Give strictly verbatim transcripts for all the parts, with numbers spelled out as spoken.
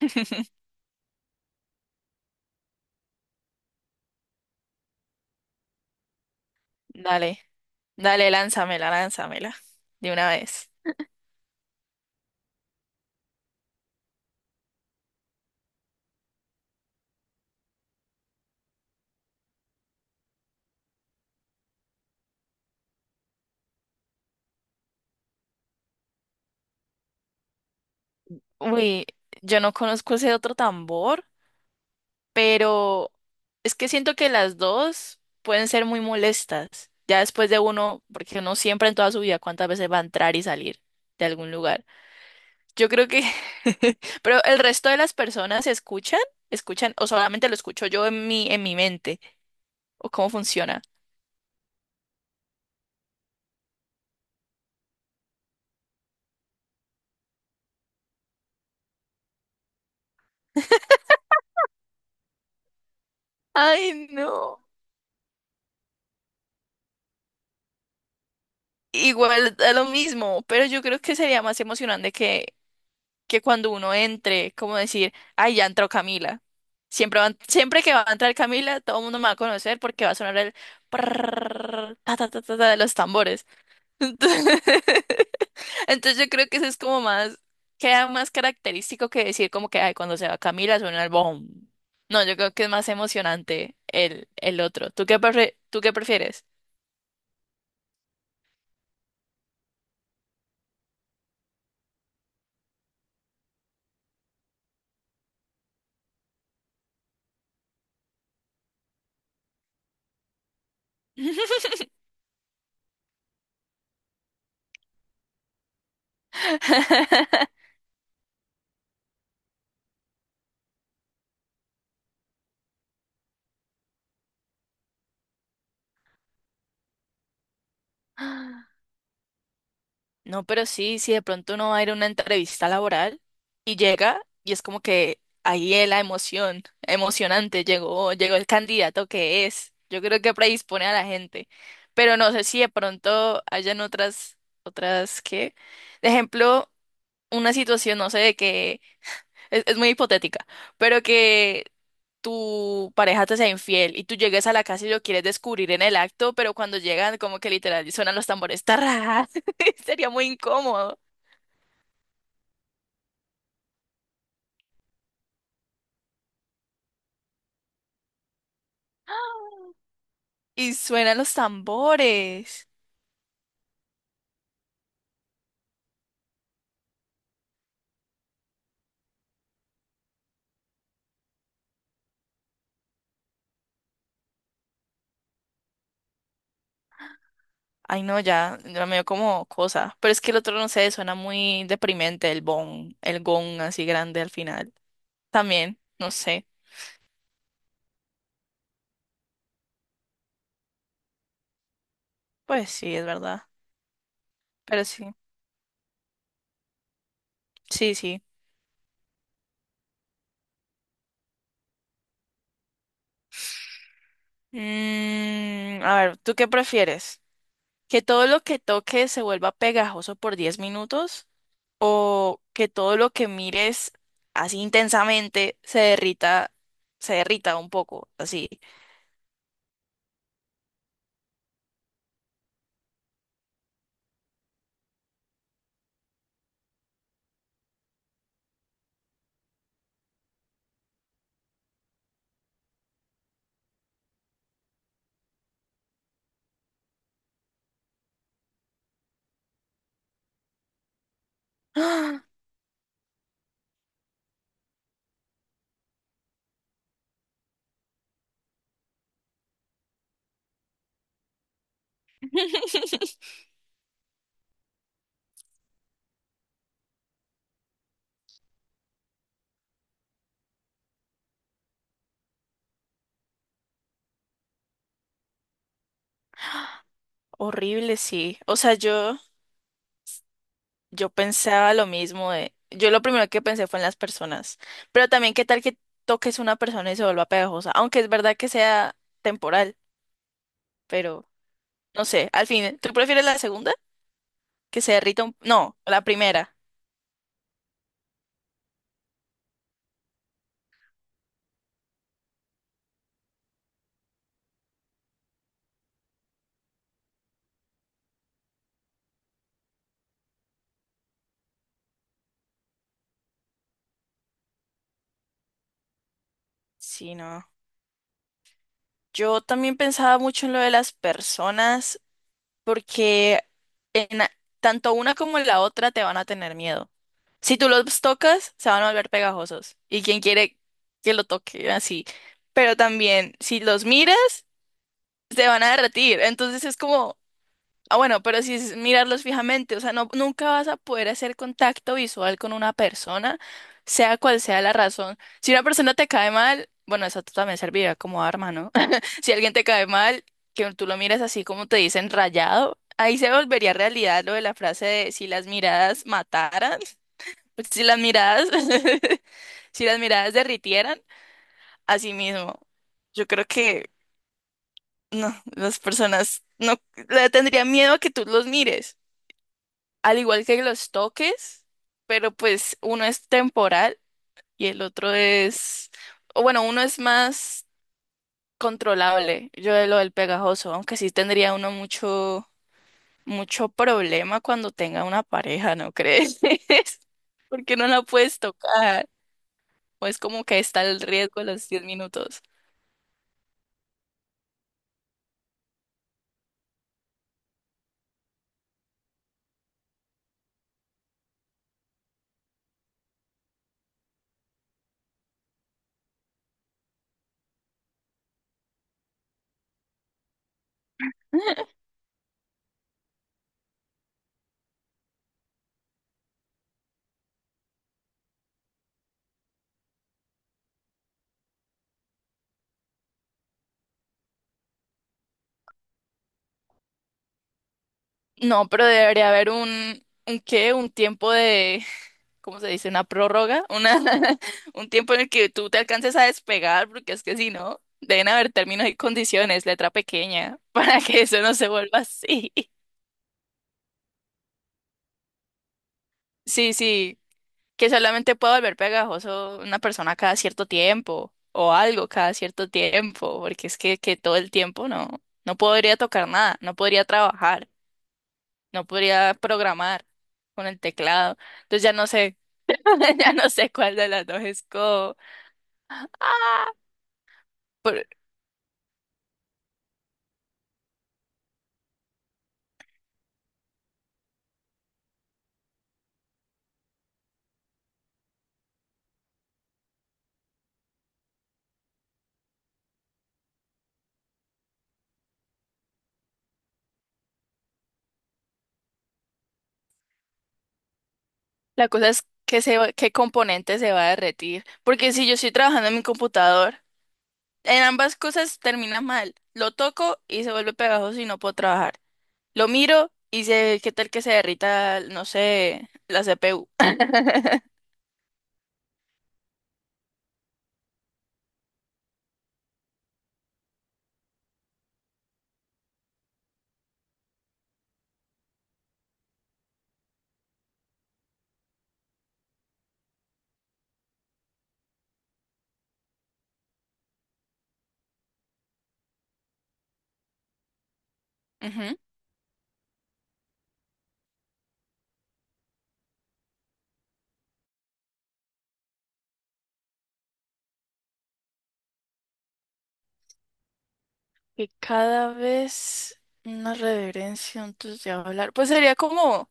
Dale, dale, lánzamela, lánzamela, de una vez. Uy, yo no conozco ese otro tambor, pero es que siento que las dos pueden ser muy molestas, ya después de uno, porque uno siempre en toda su vida cuántas veces va a entrar y salir de algún lugar. Yo creo que, pero el resto de las personas escuchan, escuchan, o solamente lo escucho yo en mi, en mi mente, o cómo funciona. Ay, no. Igual da lo mismo, pero yo creo que sería más emocionante que, que cuando uno entre, como decir, ay, ya entró Camila. Siempre van, siempre que va a entrar Camila, todo el mundo me va a conocer porque va a sonar el prrrr, ta, ta, ta, ta, ta de los tambores. Entonces, entonces yo creo que eso es como más, queda más característico que decir como que, ay, cuando se va Camila suena el boom. No, yo creo que es más emocionante el, el otro. ¿Tú qué, prefie- tú qué prefieres? No, pero sí, si de pronto uno va a ir a una entrevista laboral y llega y es como que ahí es la emoción, emocionante, llegó, llegó el candidato que es. Yo creo que predispone a la gente, pero no sé si de pronto hayan otras, otras que, de ejemplo, una situación, no sé, de que es, es muy hipotética, pero que tu pareja te sea infiel y tú llegues a la casa y lo quieres descubrir en el acto, pero cuando llegan como que literal suenan los tambores, tarras, sería muy incómodo. Y suenan los tambores. Ay, no, ya, ya me dio como cosa. Pero es que el otro, no sé, suena muy deprimente, el bon, el gong así grande al final. También, no sé. Pues sí, es verdad. Pero sí, sí, sí. Mm, a ver, ¿tú qué prefieres? Que todo lo que toques se vuelva pegajoso por diez minutos o que todo lo que mires así intensamente se derrita, se derrita un poco, así. ¡Ah! Horrible, sí. O sea, yo, yo pensaba lo mismo de, yo lo primero que pensé fue en las personas, pero también qué tal que toques una persona y se vuelva pegajosa, aunque es verdad que sea temporal, pero no sé, al fin, ¿tú prefieres la segunda? Que se derrita un, no, la primera. Sí, no. Yo también pensaba mucho en lo de las personas porque en a- tanto una como la otra te van a tener miedo. Si tú los tocas, se van a volver pegajosos. ¿Y quién quiere que lo toque así? Pero también, si los miras, se van a derretir. Entonces es como, ah, bueno, pero si es mirarlos fijamente, o sea, no, nunca vas a poder hacer contacto visual con una persona, sea cual sea la razón. Si una persona te cae mal, bueno, eso también serviría como arma, ¿no? Si alguien te cae mal, que tú lo miras así como te dicen rayado, ahí se volvería realidad lo de la frase de si las miradas mataran, si las miradas, si las miradas derritieran, así mismo. Yo creo que no, las personas no le tendrían miedo a que tú los mires, al igual que los toques, pero pues uno es temporal y el otro es, o bueno, uno es más controlable, yo de lo del pegajoso, aunque sí tendría uno mucho, mucho problema cuando tenga una pareja, ¿no crees? Porque no la puedes tocar, o es como que está el riesgo de los diez minutos. No, pero debería haber un, un qué, un tiempo de ¿cómo se dice? Una prórroga, una, un tiempo en el que tú te alcances a despegar, porque es que si no, deben haber términos y condiciones, letra pequeña, para que eso no se vuelva así. Sí, sí, que solamente pueda volver pegajoso una persona cada cierto tiempo, o algo cada cierto tiempo, porque es que, que todo el tiempo no, no podría tocar nada, no podría trabajar, no podría programar con el teclado. Entonces ya no sé, ya no sé cuál de las dos es como. La cosa es que se, va- qué componente se va a derretir. Porque si yo estoy trabajando en mi computador, en ambas cosas termina mal. Lo toco y se vuelve pegajoso y no puedo trabajar. Lo miro y sé qué tal que se derrita, no sé, la C P U. Ujú. Que cada vez una reverencia antes de hablar. Pues sería como,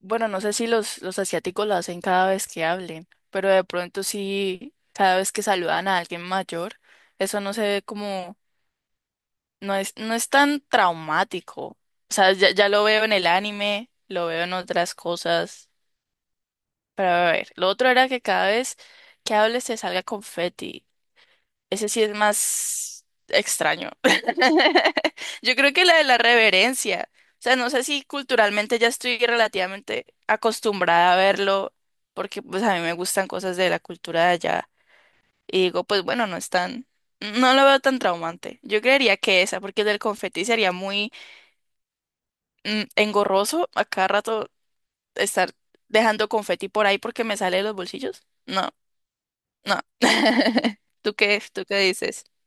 bueno, no sé si los, los asiáticos lo hacen cada vez que hablen, pero de pronto sí, cada vez que saludan a alguien mayor, eso no se ve como no es, no es tan traumático. O sea, ya, ya lo veo en el anime, lo veo en otras cosas. Pero a ver, lo otro era que cada vez que hables te salga confeti. Ese sí es más extraño. Yo creo que la de la reverencia. O sea, no sé si culturalmente ya estoy relativamente acostumbrada a verlo, porque pues a mí me gustan cosas de la cultura de allá. Y digo, pues bueno, no es tan, no lo veo tan traumante. Yo creería que esa, porque el del confeti sería muy mm, engorroso a cada rato estar dejando confeti por ahí porque me sale de los bolsillos. No, no. ¿Tú qué, tú qué dices?